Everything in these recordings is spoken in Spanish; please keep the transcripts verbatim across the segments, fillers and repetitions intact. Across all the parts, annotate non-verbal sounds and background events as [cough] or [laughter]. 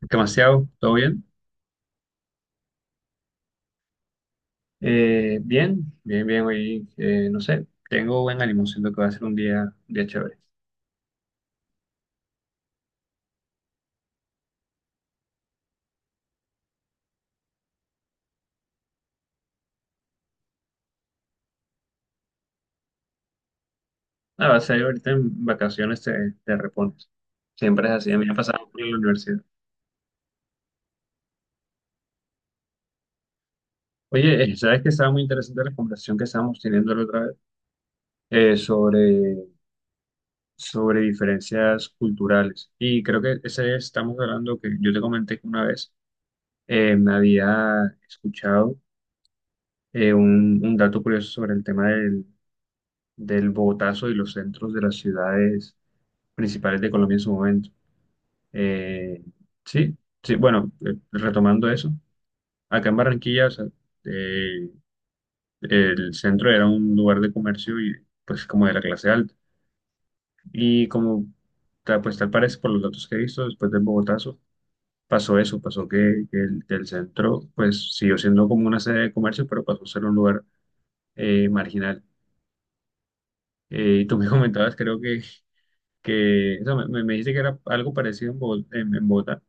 ¿Qué demasiado? ¿Todo bien? Eh, bien, bien, bien. Hoy, eh, no sé, tengo buen ánimo. Siento que va a ser un día, un día chévere. Ah, va a ser ahorita en vacaciones te, te repones. Siempre es así. A mí me ha pasado mucho en la universidad. Oye, eh, ¿sabes que estaba muy interesante la conversación que estábamos teniendo la otra vez? Eh, sobre, sobre diferencias culturales. Y creo que ese estamos hablando que yo te comenté que una vez eh, me había escuchado eh, un, un dato curioso sobre el tema del del Bogotazo y los centros de las ciudades principales de Colombia en su momento. Eh, sí, sí, bueno, eh, retomando eso, acá en Barranquilla, o sea, eh, el centro era un lugar de comercio y pues como de la clase alta. Y como ta- pues tal parece por los datos que he visto después del Bogotazo, pasó eso, pasó que, que el, que el centro pues siguió siendo como una sede de comercio, pero pasó a ser un lugar eh, marginal. Eh, y tú me [laughs] comentabas, creo que que o sea, me, me- me dijiste que era algo parecido en, Bogotá, en, en Bogotá,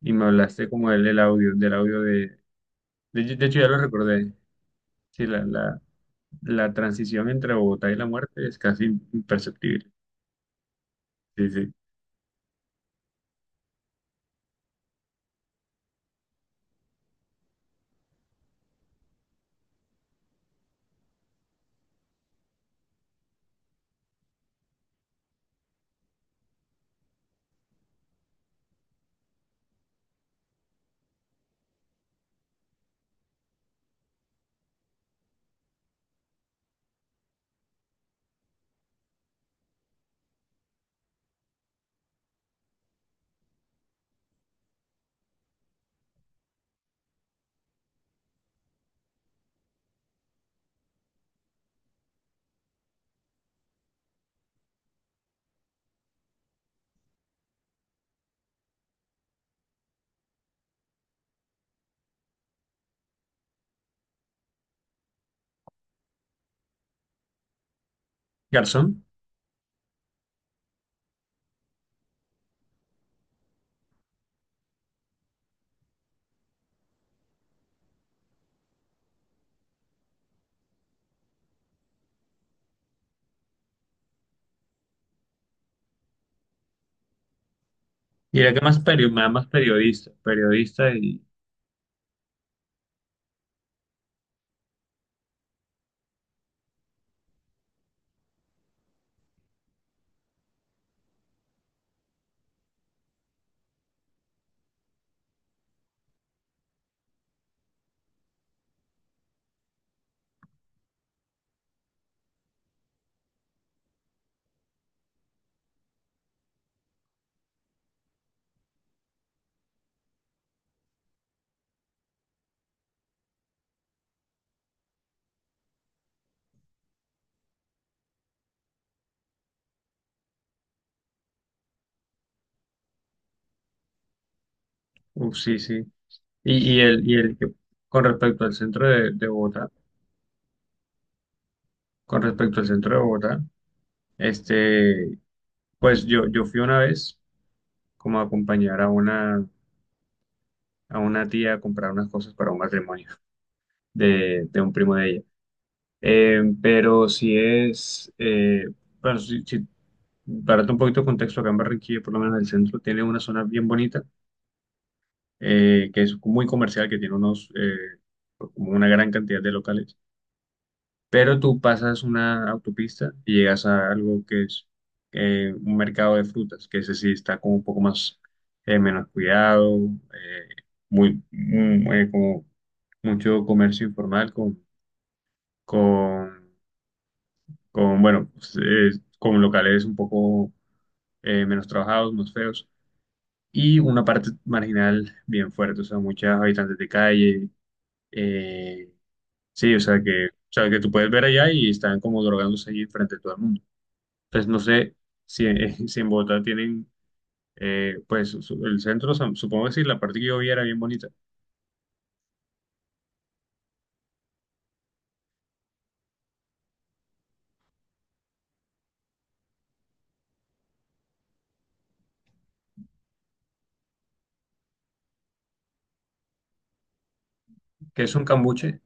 y me hablaste como del, del audio, del audio de, de, de hecho ya lo recordé. Sí, la, la, la transición entre Bogotá y la muerte es casi imperceptible. Sí, sí. Garzón, y era que más, perio- más más periodista, periodista y, uf, sí, sí, y, y el, y el que, con respecto al centro de, de Bogotá, con respecto al centro de Bogotá, este, pues yo, yo fui una vez como a acompañar a una a una tía a comprar unas cosas para un matrimonio de, de un primo de ella. Eh, pero si es, eh, bueno, si, si- para darte un poquito de contexto, acá en Barranquilla, por lo menos el centro, tiene una zona bien bonita, eh, que es muy comercial, que tiene unos, eh, como una gran cantidad de locales. Pero tú pasas una autopista y llegas a algo que es eh, un mercado de frutas, que ese sí está como un poco más eh, menos cuidado, eh, muy, mm, eh, como mucho comercio informal con, con, con, bueno, pues, eh, con locales un poco eh, menos trabajados, más feos, y una parte marginal bien fuerte, o sea, muchos habitantes de calle, eh, sí, o sea que, o sea, que tú puedes ver allá y están como drogándose allí frente a todo el mundo. Pues no sé si, en [laughs] si en Bogotá tienen, eh, pues su- el centro, sam- supongo que sí, la parte que yo vi era bien bonita, que es un cambuche,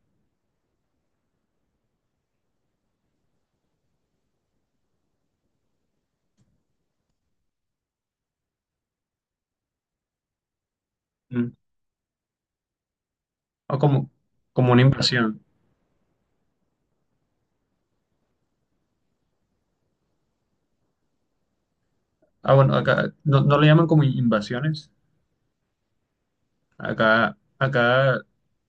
mm, o como, como una invasión. Ah, bueno, acá no, no le llaman como invasiones, acá, acá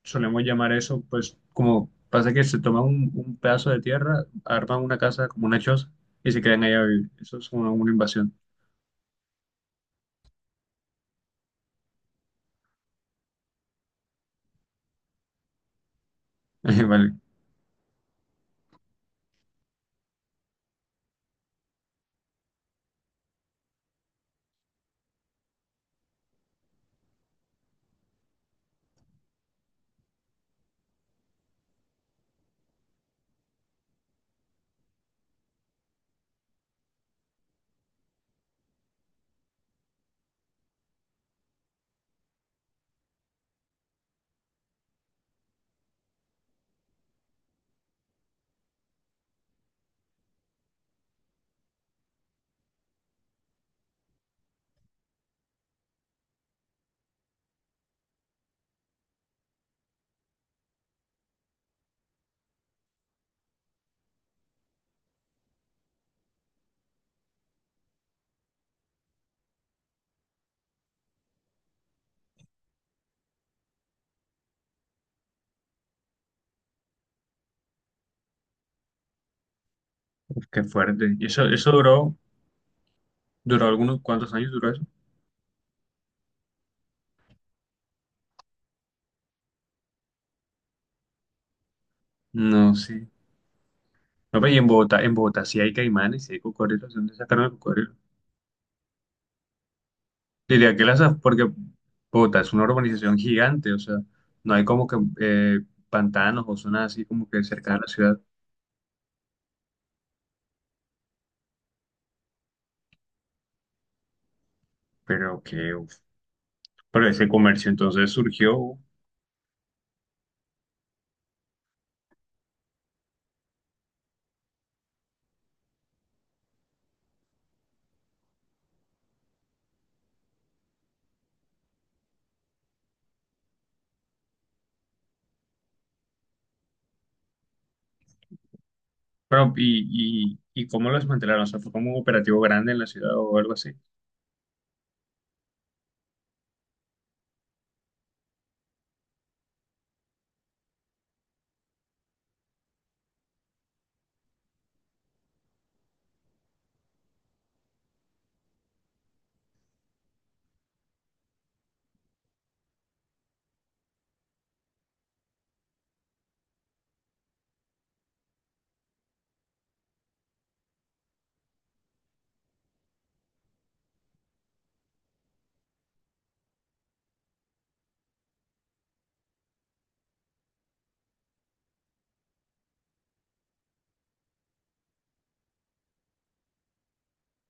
solemos llamar eso, pues como pasa que se toma un, un pedazo de tierra, arman una casa como una choza y se quedan ahí a vivir. Eso es una, una invasión. [laughs] Vale. Uf, qué fuerte. Y eso, eso duró, duró algunos, ¿cuántos años duró eso? No, sí. No, pues, y en Bogotá, en Bogotá sí hay caimanes, sí hay cocodrilos, ¿de dónde sacaron el cocodrilo? Diría que las, af- porque Bogotá es una urbanización gigante, o sea, no hay como que eh, pantanos o zonas así como que cercanas a la ciudad, pero que, uf, pero ese comercio entonces surgió, pero, y, y, ¿y cómo lo desmantelaron? O sea, ¿fue como un operativo grande en la ciudad o algo así?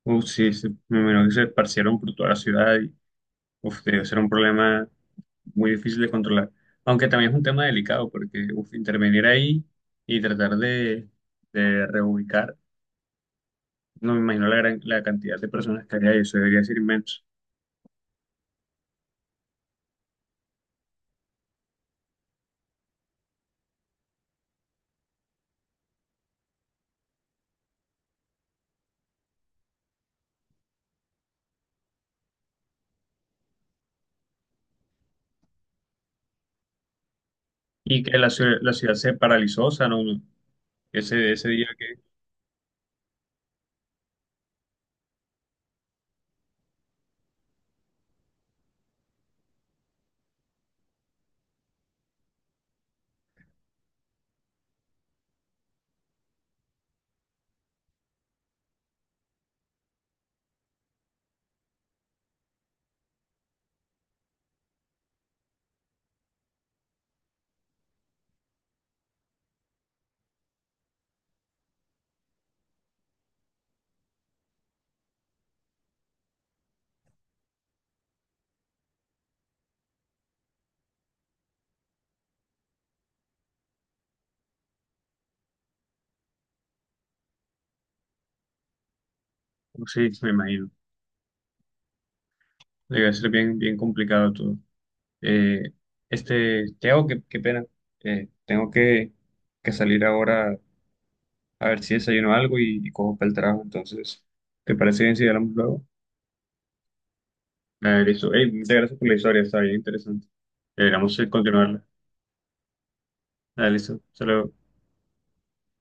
Uf, sí, sí, me imagino que se esparcieron por toda la ciudad y, uf, debe ser un problema muy difícil de controlar. Aunque también es un tema delicado porque uf, intervenir ahí y tratar de, de reubicar, no me imagino la gran, la cantidad de personas que había ahí, eso debería ser inmenso. Y que la, ciu- la ciudad se paralizó, o sea, no, no, ese, ese día que, uf, sí, me imagino, debe ser bien, bien complicado todo. Eh, este, Teo, qué, qué pena, Eh, tengo que, que salir ahora a ver si desayuno algo y, y cojo para el trabajo, entonces, ¿te parece bien si hablamos luego? Ah, listo. Ey, muchas gracias por la historia, está bien interesante. Deberíamos eh, continuarla. Ah, listo. Hasta luego.